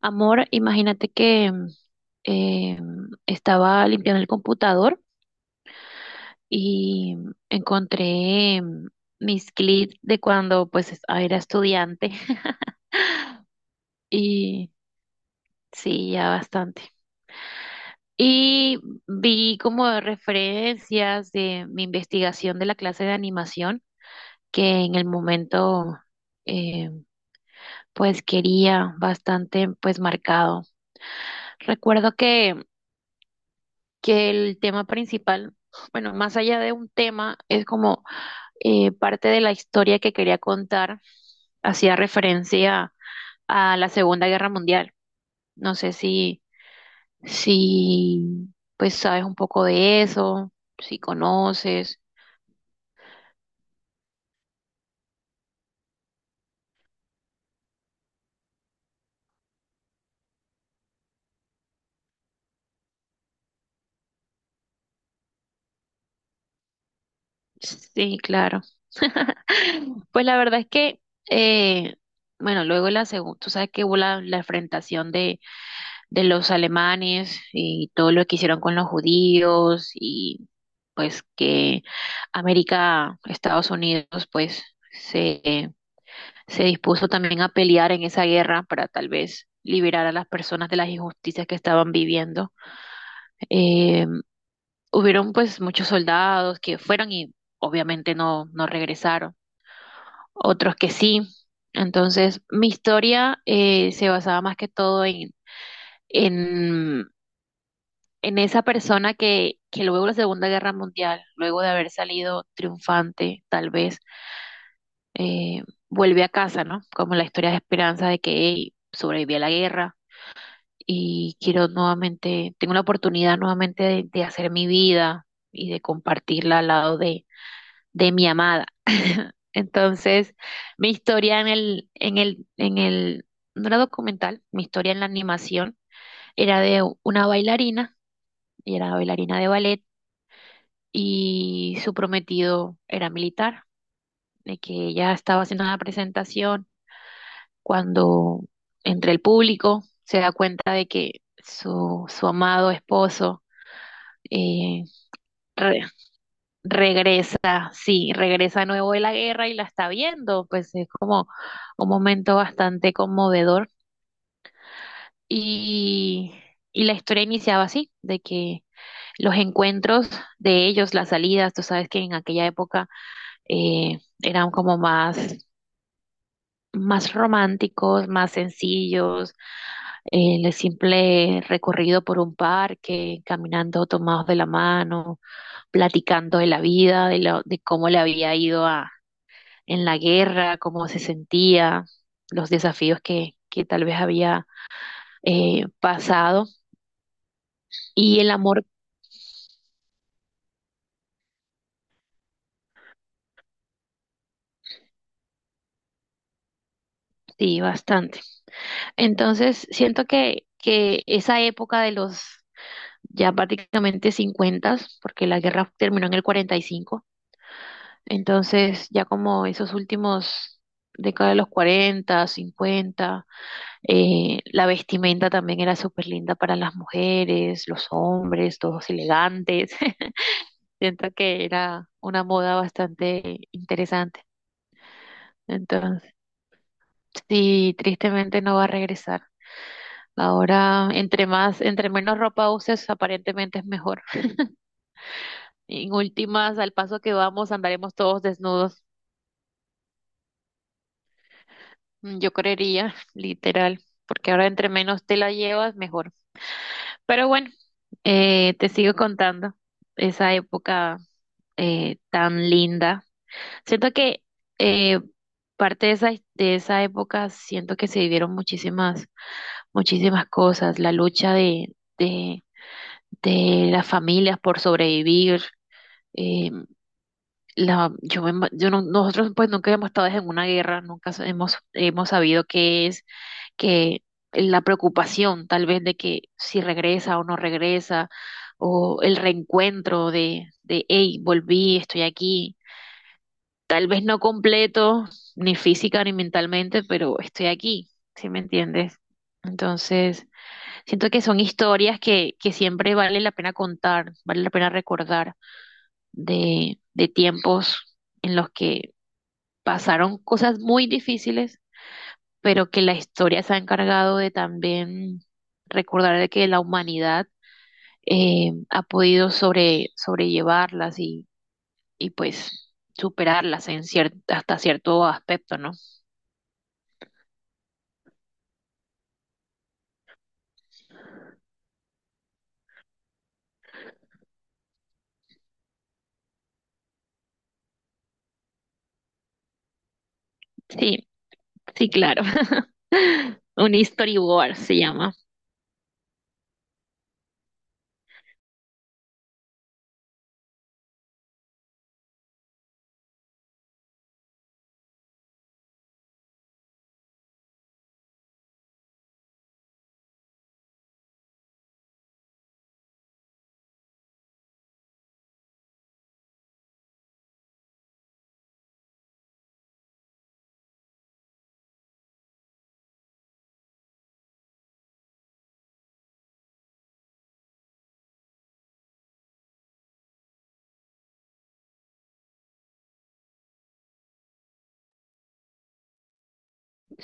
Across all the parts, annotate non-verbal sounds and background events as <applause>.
Amor, imagínate que eh, estaba limpiando el computador y encontré mis clips de cuando era estudiante <laughs> y sí, ya bastante. Y vi como referencias de mi investigación de la clase de animación que en el momento eh, pues quería bastante pues marcado. Recuerdo que el tema principal, bueno, más allá de un tema, es como parte de la historia que quería contar, hacía referencia a la Segunda Guerra Mundial. No sé si pues sabes un poco de eso, si conoces. Sí, claro. <laughs> Pues la verdad es que, eh, bueno, luego la segunda, tú sabes que hubo la enfrentación de los alemanes y todo lo que hicieron con los judíos y pues que América, Estados Unidos, pues se, se dispuso también a pelear en esa guerra para tal vez liberar a las personas de las injusticias que estaban viviendo. Eh, hubieron pues muchos soldados que fueron y obviamente no regresaron, otros que sí. Entonces, mi historia se basaba más que todo en, en esa persona que luego de la Segunda Guerra Mundial, luego de haber salido triunfante, tal vez, eh, vuelve a casa, ¿no? Como la historia de esperanza de que hey, sobreviví a la guerra y quiero nuevamente, tengo la oportunidad nuevamente de hacer mi vida y de compartirla al lado de mi amada. <laughs> Entonces, mi historia no era documental, mi historia en la animación era de una bailarina, y era bailarina de ballet, y su prometido era militar, de que ella estaba haciendo una presentación cuando entre el público se da cuenta de que su amado esposo eh, re- regresa, sí, regresa nuevo de la guerra y la está viendo, pues es como un momento bastante conmovedor y, y la historia iniciaba así, de que los encuentros de ellos, las salidas, tú sabes que en aquella época eran como más románticos, más sencillos, el simple recorrido por un parque, caminando tomados de la mano, platicando de la vida, de, de cómo le había ido a, en la guerra, cómo se sentía, los desafíos que tal vez había pasado y el amor, sí, bastante. Entonces, siento que esa época de los ya prácticamente 50, porque la guerra terminó en el 45. Entonces, ya como esos últimos, década de los 40 cincuenta, la vestimenta también era súper linda para las mujeres, los hombres, todos elegantes. <laughs> Siento que era una moda bastante interesante. Entonces, sí, tristemente no va a regresar. Ahora, entre más, entre menos ropa uses, aparentemente es mejor. <laughs> En últimas, al paso que vamos, andaremos todos desnudos. Yo creería, <laughs> literal, porque ahora entre menos te la llevas, mejor. Pero bueno, te sigo contando esa época tan linda. Siento que eh, parte de esa época, siento que se vivieron muchísimas, muchísimas cosas. La lucha de las familias por sobrevivir. Eh, la, yo me ima- yo no- Nosotros pues nunca hemos estado en una guerra, nunca hemos sabido qué es que la preocupación tal vez de que si regresa o no regresa, o el reencuentro hey, volví, estoy aquí, tal vez no completo, ni física ni mentalmente, pero estoy aquí, ¿sí me entiendes? Entonces, siento que son historias que siempre vale la pena contar, vale la pena recordar de tiempos en los que pasaron cosas muy difíciles pero que la historia se ha encargado de también recordar de que la humanidad ha podido sobrellevarlas y pues superarlas hasta cierto aspecto, ¿no? Sí, sí, claro. <laughs> Un storyboard se llama.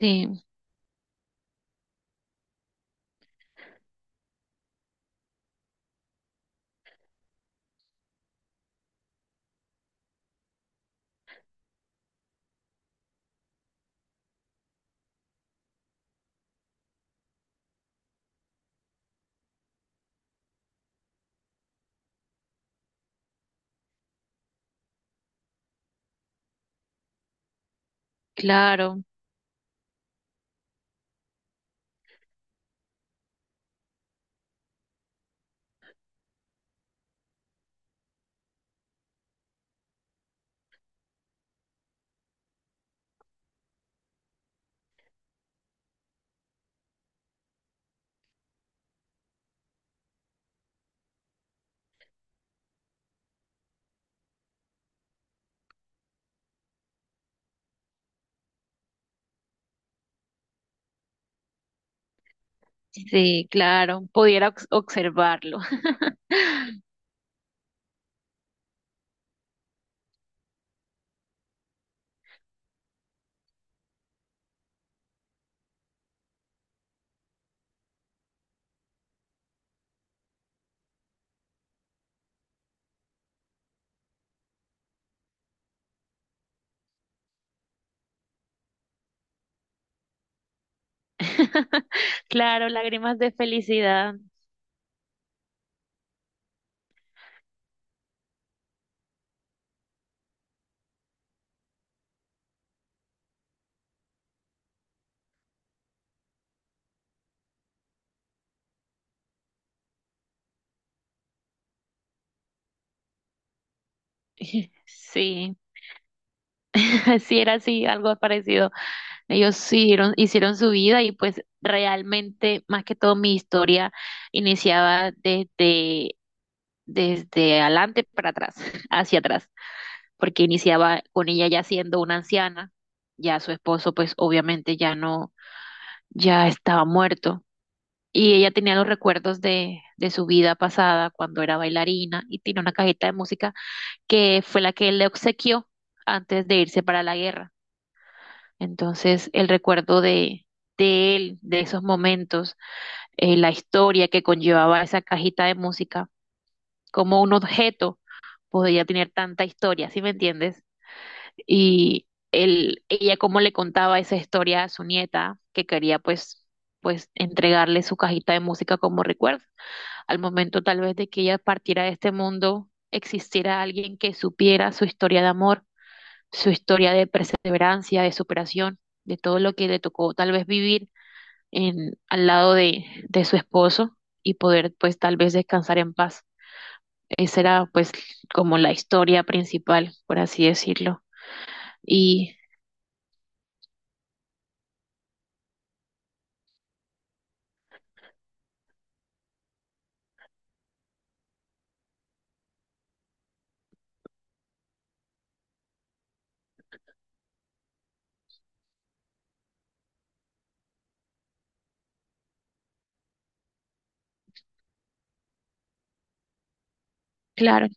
Sí, claro, sí, claro. Observarlo. <laughs> Claro, lágrimas de felicidad. <laughs> Sí, <laughs> sí, era así, algo parecido. Ellos siguieron, hicieron su vida y pues realmente, más que todo, mi historia iniciaba desde adelante para atrás, <laughs> hacia atrás, porque iniciaba con ella ya siendo una anciana, ya su esposo pues obviamente ya no, ya estaba muerto y ella tenía los recuerdos de su vida pasada cuando era bailarina y tiene una cajita de música que fue la que él le obsequió antes de irse para la guerra. Entonces, el recuerdo de él, de esos momentos, la historia que conllevaba esa cajita de música, como un objeto podía tener tanta historia, ¿sí me entiendes? Y él, ella cómo le contaba esa historia a su nieta, que quería pues entregarle su cajita de música como recuerdo. Al momento tal vez de que ella partiera de este mundo, existiera alguien que supiera su historia de amor, su historia de perseverancia, de superación, de todo lo que le tocó tal vez vivir en, al lado de su esposo y poder pues tal vez descansar en paz. Esa era pues como la historia principal, por así decirlo. Y claro,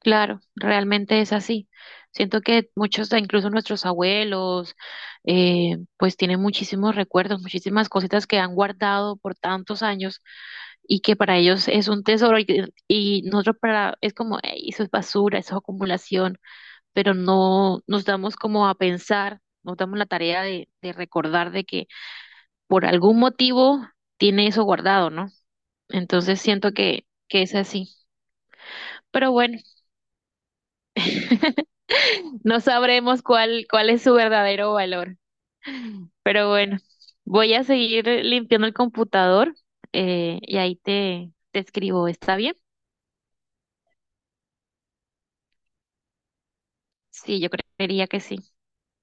claro, realmente es así. Siento que muchos, incluso nuestros abuelos, pues tienen muchísimos recuerdos, muchísimas cositas que han guardado por tantos años y que para ellos es un tesoro y, y nosotros para, es como, "Ey, eso es basura, eso es acumulación", pero no nos damos como a pensar, nos damos la tarea de recordar de que por algún motivo tiene eso guardado, ¿no? Entonces siento que es así. Pero bueno. No sabremos cuál es su verdadero valor. Pero bueno, voy a seguir limpiando el computador, y ahí te escribo. ¿Está bien? Sí, yo creería que sí.